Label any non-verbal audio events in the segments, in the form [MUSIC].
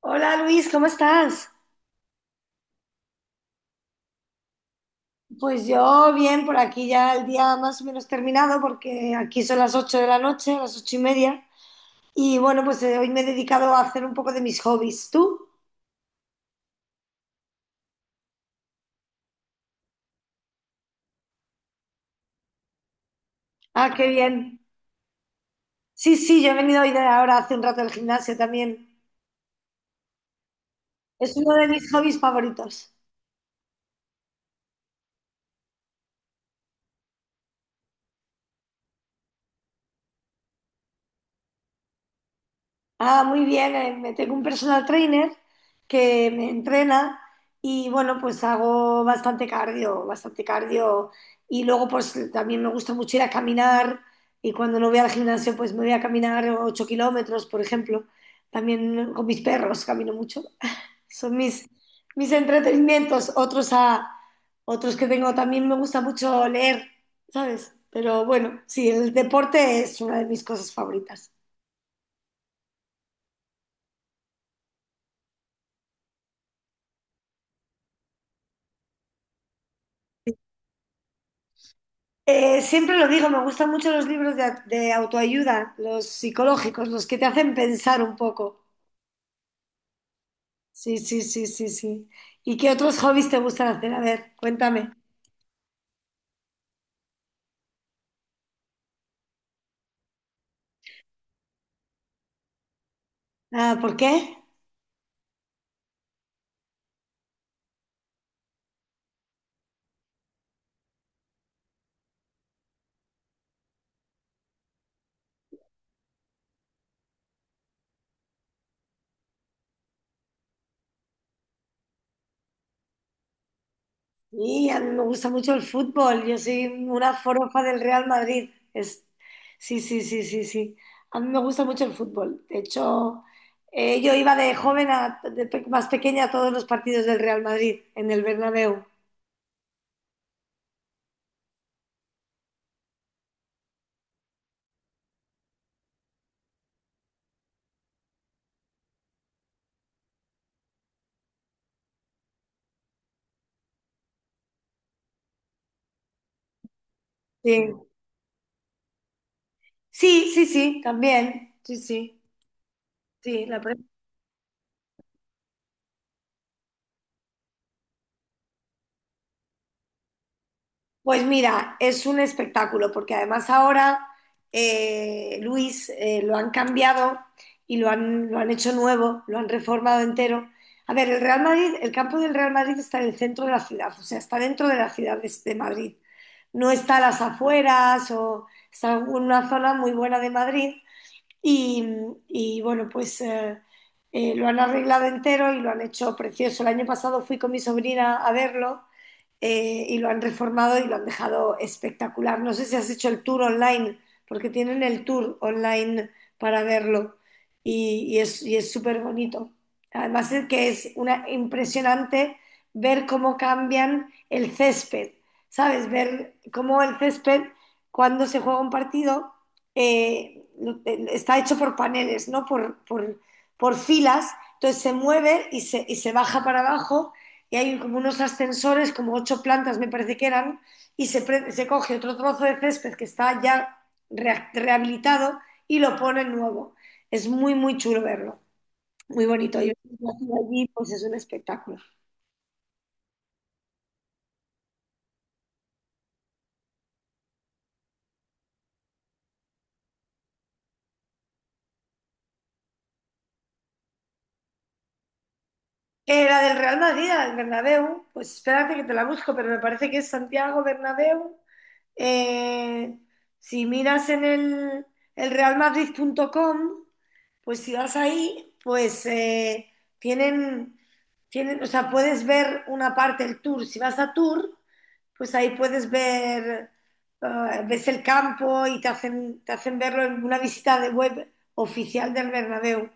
Hola Luis, ¿cómo estás? Pues yo bien, por aquí ya el día más o menos terminado, porque aquí son las 8 de la noche, las 8:30. Y bueno, pues hoy me he dedicado a hacer un poco de mis hobbies. ¿Tú? Ah, qué bien. Sí, sí, yo he venido hoy de ahora hace un rato al gimnasio también. Es uno de mis hobbies favoritos. Ah, muy bien. Me tengo un personal trainer que me entrena y bueno, pues hago bastante cardio, bastante cardio. Y luego pues también me gusta mucho ir a caminar y cuando no voy al gimnasio pues me voy a caminar 8 kilómetros, por ejemplo. También con mis perros camino mucho. [LAUGHS] Son mis entretenimientos. Otros que tengo también me gusta mucho leer, ¿sabes? Pero bueno, sí, el deporte es una de mis cosas favoritas. Siempre lo digo, me gustan mucho los libros de autoayuda, los psicológicos, los que te hacen pensar un poco. Sí, sí, sí, sí, sí. ¿Y qué otros hobbies te gustan hacer? A ver, cuéntame. Ah, ¿por qué? Y a mí me gusta mucho el fútbol. Yo soy una forofa del Real Madrid. Sí, sí, sí, sí, sí. A mí me gusta mucho el fútbol. De hecho, yo iba de joven más pequeña a todos los partidos del Real Madrid en el Bernabéu. Sí, sí, sí, sí, también. Sí, sí. Sí, la pre- Pues mira, es un espectáculo, porque además ahora Luis lo han cambiado y lo han hecho nuevo, lo han reformado entero. A ver, el Real Madrid, el campo del Real Madrid está en el centro de la ciudad, o sea, está dentro de la ciudad de Madrid. No está a las afueras o está en una zona muy buena de Madrid. Y, y bueno, pues lo han arreglado entero y lo han hecho precioso. El año pasado fui con mi sobrina a verlo y lo han reformado y lo han dejado espectacular. No sé si has hecho el tour online, porque tienen el tour online para verlo y es súper bonito. Además es que es impresionante ver cómo cambian el césped, ¿sabes? Ver cómo el césped, cuando se juega un partido, está hecho por paneles, ¿no? Por filas, entonces se mueve y se baja para abajo y hay como unos ascensores, como 8 plantas me parece que eran, se coge otro trozo de césped que está ya rehabilitado y lo pone nuevo. Es muy, muy chulo verlo, muy bonito. Y allí, pues es un espectáculo. La del Real Madrid, la del Bernabéu, pues espérate que te la busco, pero me parece que es Santiago Bernabéu. Eh, si miras en el realmadrid.com, pues si vas ahí, pues tienen, tienen, o sea, puedes ver una parte del tour. Si vas a tour, pues ahí puedes ver, ves el campo y te hacen verlo en una visita de web oficial del Bernabéu.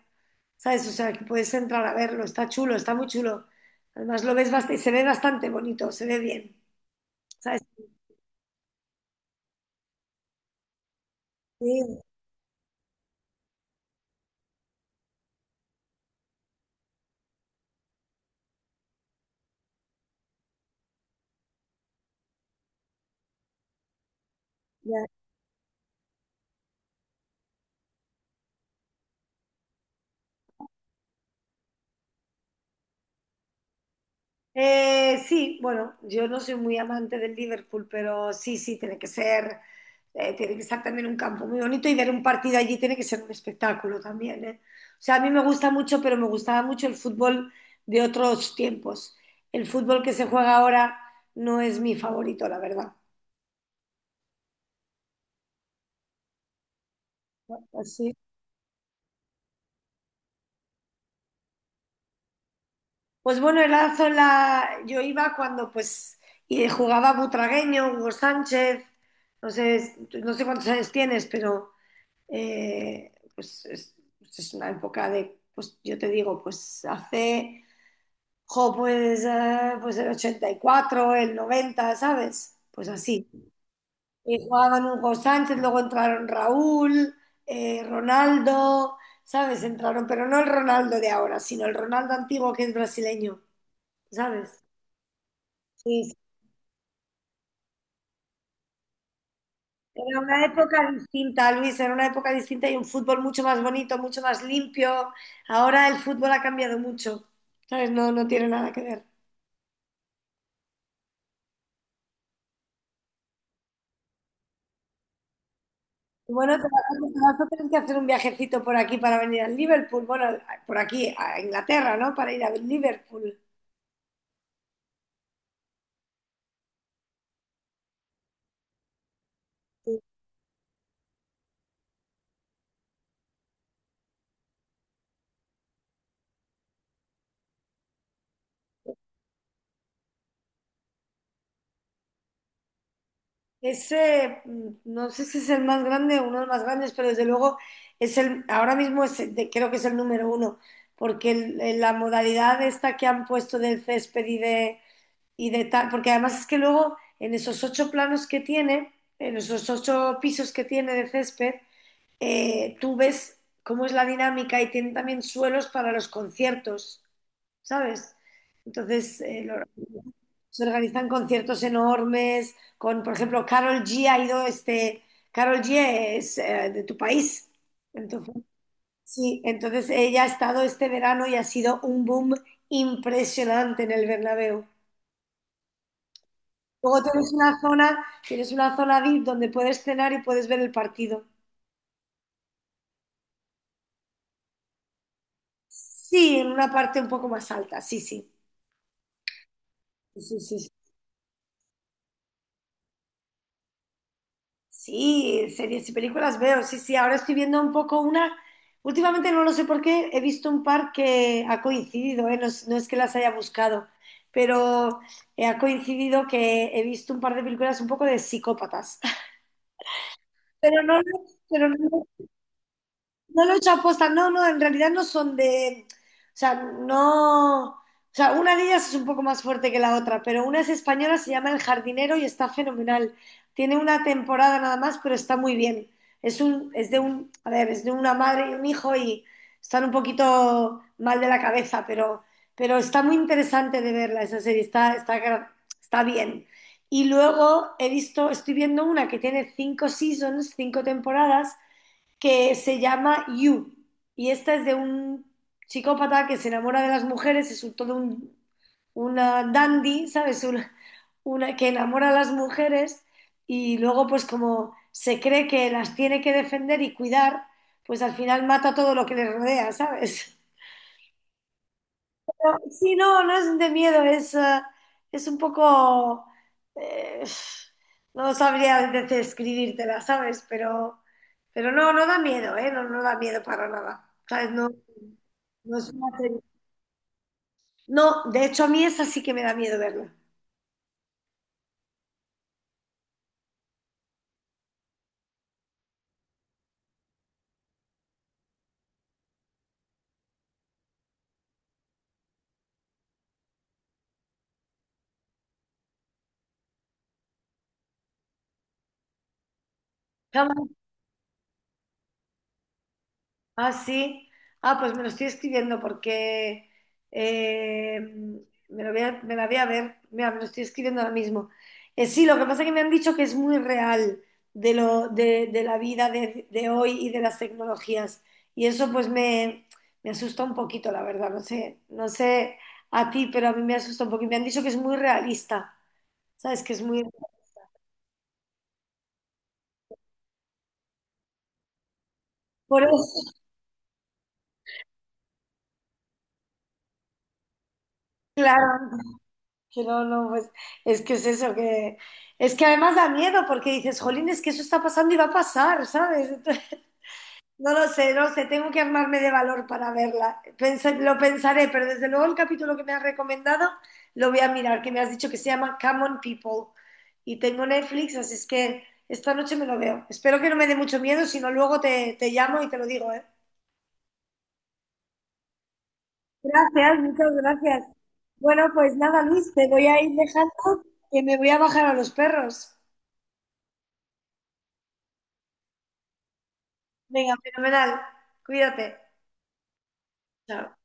¿Sabes? O sea, que puedes entrar a verlo. Está chulo, está muy chulo. Además, lo ves bastante, se ve bastante bonito, se ve bien. ¿Sabes? Sí, ya. Sí, bueno, yo no soy muy amante del Liverpool, pero sí, sí, tiene que estar también un campo muy bonito y ver un partido allí tiene que ser un espectáculo también, ¿eh? O sea, a mí me gusta mucho, pero me gustaba mucho el fútbol de otros tiempos. El fútbol que se juega ahora no es mi favorito, la verdad. Así. Pues bueno, yo iba cuando pues y jugaba Butragueño, Hugo Sánchez, no sé, no sé cuántos años tienes, pero pues, es una época de, pues yo te digo, pues hace, jo, pues, pues el 84 el 90. ¿Sabes? Pues así. Y jugaban Hugo Sánchez, luego entraron Raúl, Ronaldo, ¿sabes? Entraron, pero no el Ronaldo de ahora, sino el Ronaldo antiguo que es brasileño, ¿sabes? Sí, era una época distinta, Luis, era una época distinta y un fútbol mucho más bonito, mucho más limpio. Ahora el fútbol ha cambiado mucho, ¿sabes? No, no tiene nada que ver. Y bueno, te vas a tener que hacer un viajecito por aquí para venir al Liverpool, bueno, por aquí a Inglaterra, ¿no? Para ir a Liverpool. Ese, no sé si es el más grande o uno de los más grandes, pero desde luego ahora mismo creo que es el número uno, porque la modalidad esta que han puesto del césped y de tal, porque además es que luego en esos 8 planos que tiene, en esos 8 pisos que tiene de césped, tú ves cómo es la dinámica y tiene también suelos para los conciertos, ¿sabes? Entonces se organizan conciertos enormes, con, por ejemplo, Carol G ha ido, Carol G es de tu país, entonces, sí, entonces ella ha estado este verano y ha sido un boom impresionante en el Bernabéu. Luego tienes una zona VIP donde puedes cenar y puedes ver el partido. Sí, en una parte un poco más alta, sí, sí. Sí, sí, sí. Sí, series y películas veo, sí, sí. Ahora estoy viendo un poco una. Últimamente no lo sé por qué, he visto un par que ha coincidido, ¿eh? No, es no es que las haya buscado, pero ha coincidido que he visto un par de películas un poco de psicópatas. [LAUGHS] Pero no, pero no No lo he hecho aposta, no, no, en realidad no son de, o sea, no, o sea, una de ellas es un poco más fuerte que la otra, pero una es española, se llama El Jardinero y está fenomenal. Tiene una temporada nada más, pero está muy bien. Es un, es de un, a ver, es de una madre y un hijo y están un poquito mal de la cabeza, pero está muy interesante de verla esa serie, está bien. Y luego he visto, estoy viendo una que tiene 5 seasons, 5 temporadas que se llama You. Y esta es de un psicópata que se enamora de las mujeres, es una dandy, ¿sabes? Una que enamora a las mujeres y luego pues como se cree que las tiene que defender y cuidar, pues al final mata todo lo que le rodea, ¿sabes? Sí, no, no es de miedo, es un poco... eh, no sabría describírtela, ¿sabes? Pero no, no da miedo, ¿eh? No, no da miedo para nada. ¿Sabes? No, no es una serie- no, de hecho a mí esa sí que me da miedo verla. Ah, sí. Ah, pues me lo estoy escribiendo porque eh, me la voy a ver. Mira, me lo estoy escribiendo ahora mismo. Sí, lo que pasa es que me han dicho que es muy real de, lo, de la vida de hoy y de las tecnologías. Y eso pues me asusta un poquito, la verdad. No sé a ti, pero a mí me asusta un poquito. Me han dicho que es muy realista. ¿Sabes? Que es muy... Por eso, claro. Que no, no, pues es que es eso, que es que además da miedo porque dices, jolín, es que eso está pasando y va a pasar, ¿sabes? Entonces, [LAUGHS] no lo sé, no sé, tengo que armarme de valor para verla. Lo pensaré, pero desde luego el capítulo que me has recomendado lo voy a mirar, que me has dicho que se llama Come on People y tengo Netflix, así es que esta noche me lo veo. Espero que no me dé mucho miedo, si no luego te llamo y te lo digo, ¿eh? Gracias, muchas gracias. Bueno, pues nada, Luis, te voy a ir dejando que me voy a bajar a los perros. Venga, fenomenal. Cuídate. Chao.